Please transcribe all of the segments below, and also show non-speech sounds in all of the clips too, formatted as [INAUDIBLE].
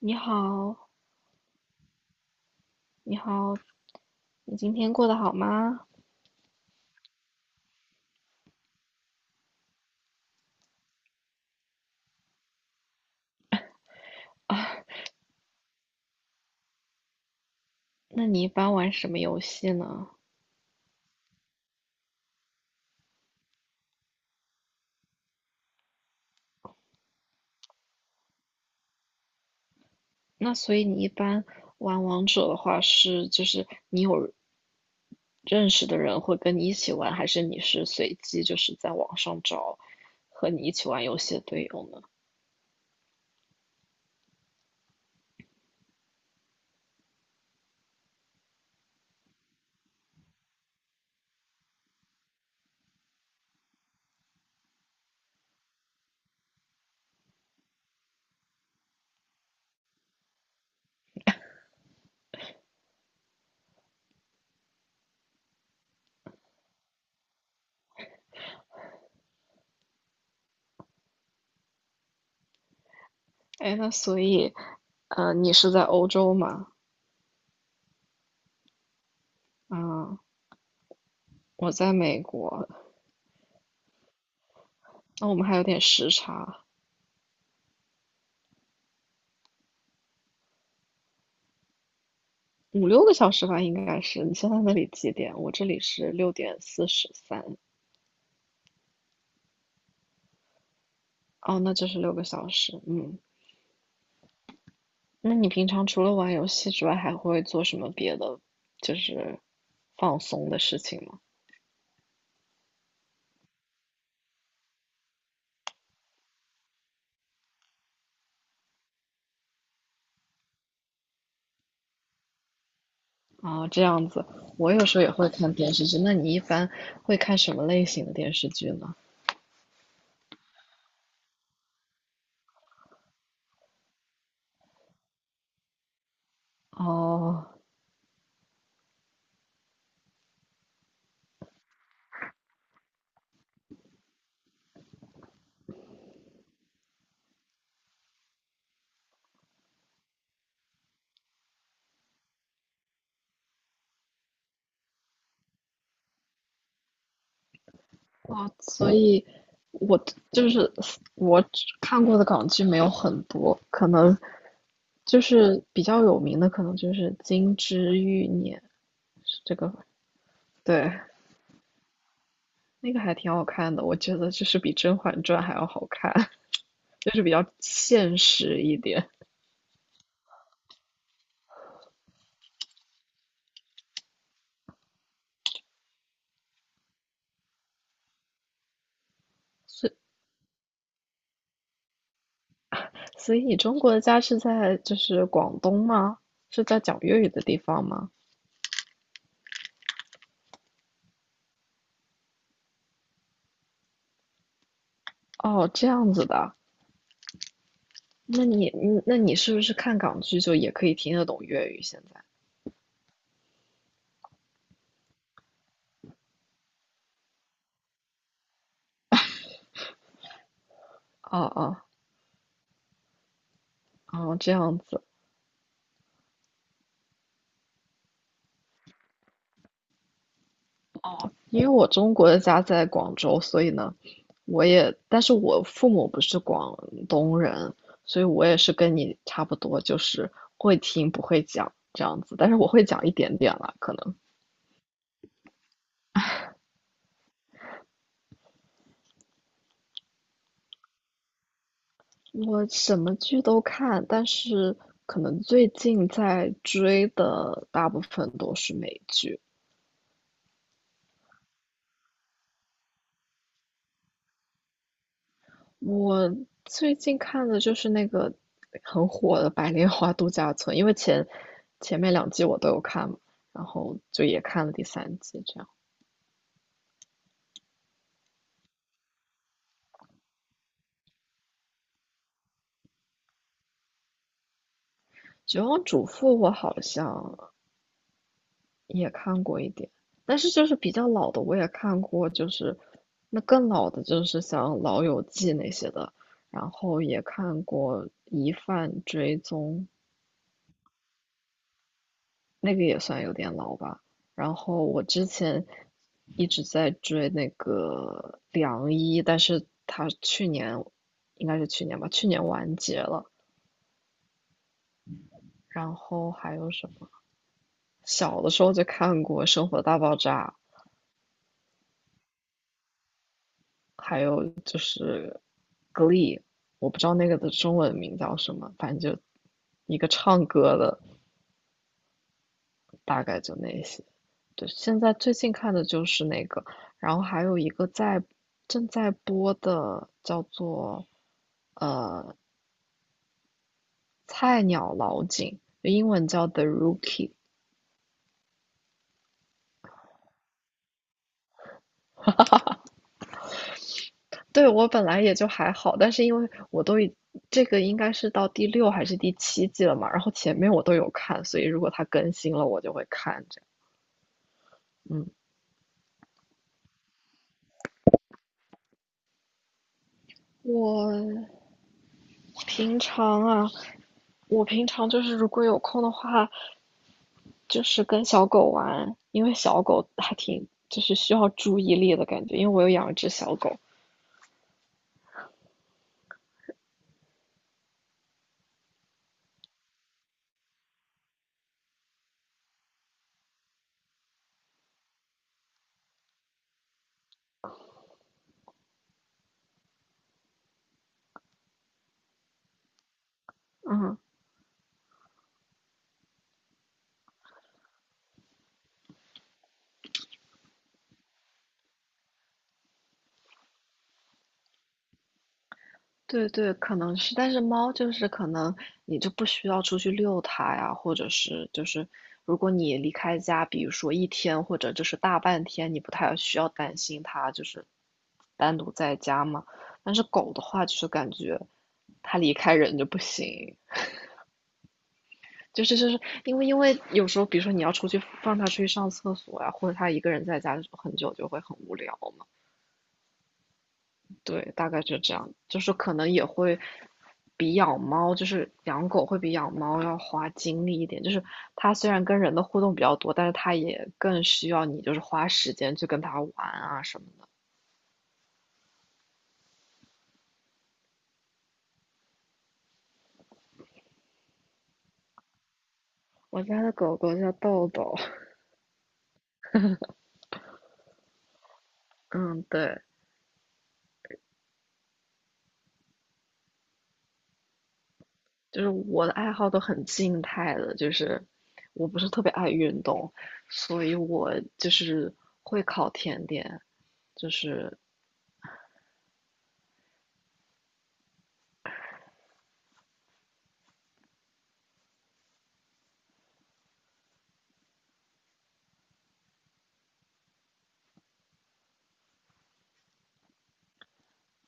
你好，你好。你今天过得好吗？那你一般玩什么游戏呢？那所以你一般玩王者的话是，就是你有认识的人会跟你一起玩，还是你是随机就是在网上找和你一起玩游戏的队友呢？哎，那所以，你是在欧洲吗？啊，我在美国。那我们还有点时差，5、6个小时吧，应该是。你现在那里几点？我这里是6:43。哦，那就是六个小时。嗯。那你平常除了玩游戏之外，还会做什么别的，就是放松的事情吗？啊，这样子。我有时候也会看电视剧。那你一般会看什么类型的电视剧呢？哦，哇。所以我就是我只看过的港剧没有很多，可能就是比较有名的，可能就是《金枝欲孽》，是这个，对。那个还挺好看的，我觉得就是比《甄嬛传》还要好看，[LAUGHS] 就是比较现实一点。所以你中国的家是在就是广东吗？是在讲粤语的地方吗？哦，这样子的。那你是不是看港剧就也可以听得懂粤语？现在？哦哦哦，这样子。哦，因为我中国的家在广州，所以呢，但是我父母不是广东人，所以我也是跟你差不多，就是会听不会讲这样子。但是我会讲一点点啦，可能我什么剧都看，但是可能最近在追的大部分都是美剧。我最近看的就是那个很火的《白莲花度假村》，因为前面2季我都有看嘛，然后就也看了第3季，这样。《绝望主妇》我好像也看过一点，但是就是比较老的我也看过，就是那更老的，就是像《老友记》那些的，然后也看过《疑犯追踪》，那个也算有点老吧。然后我之前一直在追那个《良医》，但是他去年应该是去年吧，去年完结了。然后还有什么？小的时候就看过《生活大爆炸》，还有 Glee，我不知道那个的中文名叫什么，反正就一个唱歌的，大概就那些。对，现在最近看的就是那个，然后还有一个正在播的叫做呃菜鸟老警，英文叫 The Rookie。对，我本来也就还好，但是因为我都已这个应该是到第6还是第7季了嘛，然后前面我都有看，所以如果它更新了，我就会看着。嗯，我平常啊，我平常就是如果有空的话，就是跟小狗玩，因为小狗还挺就是需要注意力的感觉，因为我有养一只小狗。嗯，对对，可能是，但是猫就是可能你就不需要出去遛它呀，或者是就是如果你离开家，比如说一天或者就是大半天，你不太需要担心它就是单独在家嘛。但是狗的话，就是感觉它离开人就不行。就是因为有时候，比如说你要出去放它出去上厕所呀，或者它一个人在家很久就会很无聊嘛。对，大概就这样，就是可能也会比养猫，就是养狗会比养猫要花精力一点。就是它虽然跟人的互动比较多，但是它也更需要你就是花时间去跟它玩啊什么的。我家的狗狗叫豆豆。嗯，对，就是我的爱好都很静态的，就是我不是特别爱运动，所以我就是会烤甜点，就是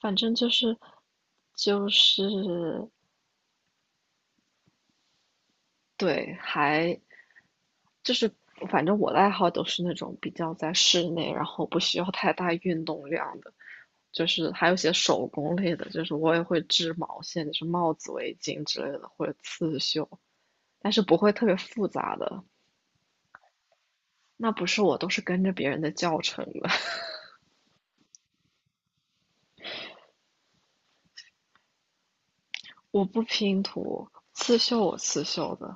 反正就是就是对。还就是反正我的爱好都是那种比较在室内，然后不需要太大运动量的，就是还有一些手工类的，就是我也会织毛线，就是帽子、围巾之类的，或者刺绣，但是不会特别复杂的。那不是，我都是跟着别人的教程的。我不拼图，刺绣我刺绣的。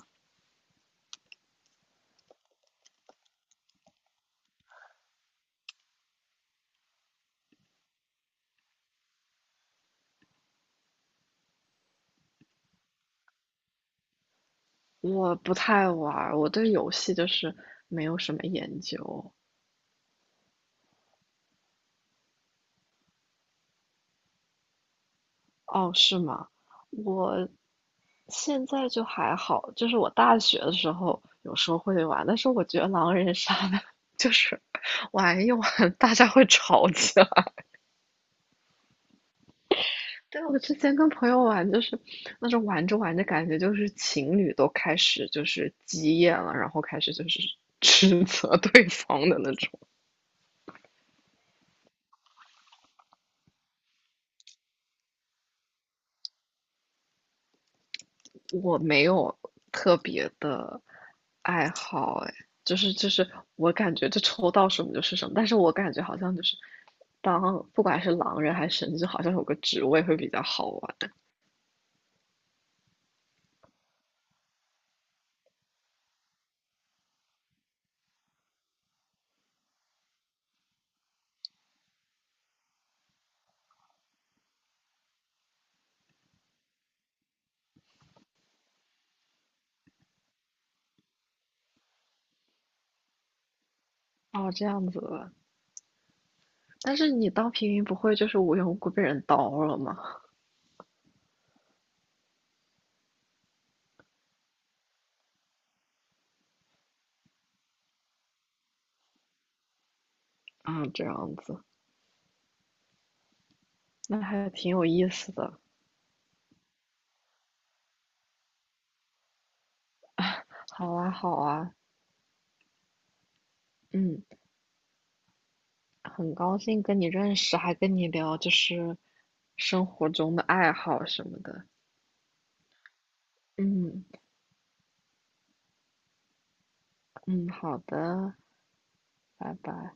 我不太玩儿我对游戏就是没有什么研究。哦，是吗？我现在就还好，就是我大学的时候有时候会玩，但是我觉得狼人杀呢，就是 [LAUGHS] 玩一玩大家会吵起来。对，我之前跟朋友玩，就是那种玩着玩着，感觉就是情侣都开始就是急眼了，然后开始就是 [LAUGHS] 指责对方的那种。我没有特别的爱好，哎，就是我感觉就抽到什么就是什么，但是我感觉好像就是当不管是狼人还是神职，好像有个职位会比较好玩。哦，这样子的。但是你当平民不会就是无缘无故被人刀了吗？啊，这样子。那还挺有意思的。好啊，好啊。嗯，很高兴跟你认识，还跟你聊就是生活中的爱好什么的。嗯嗯，好的。拜拜。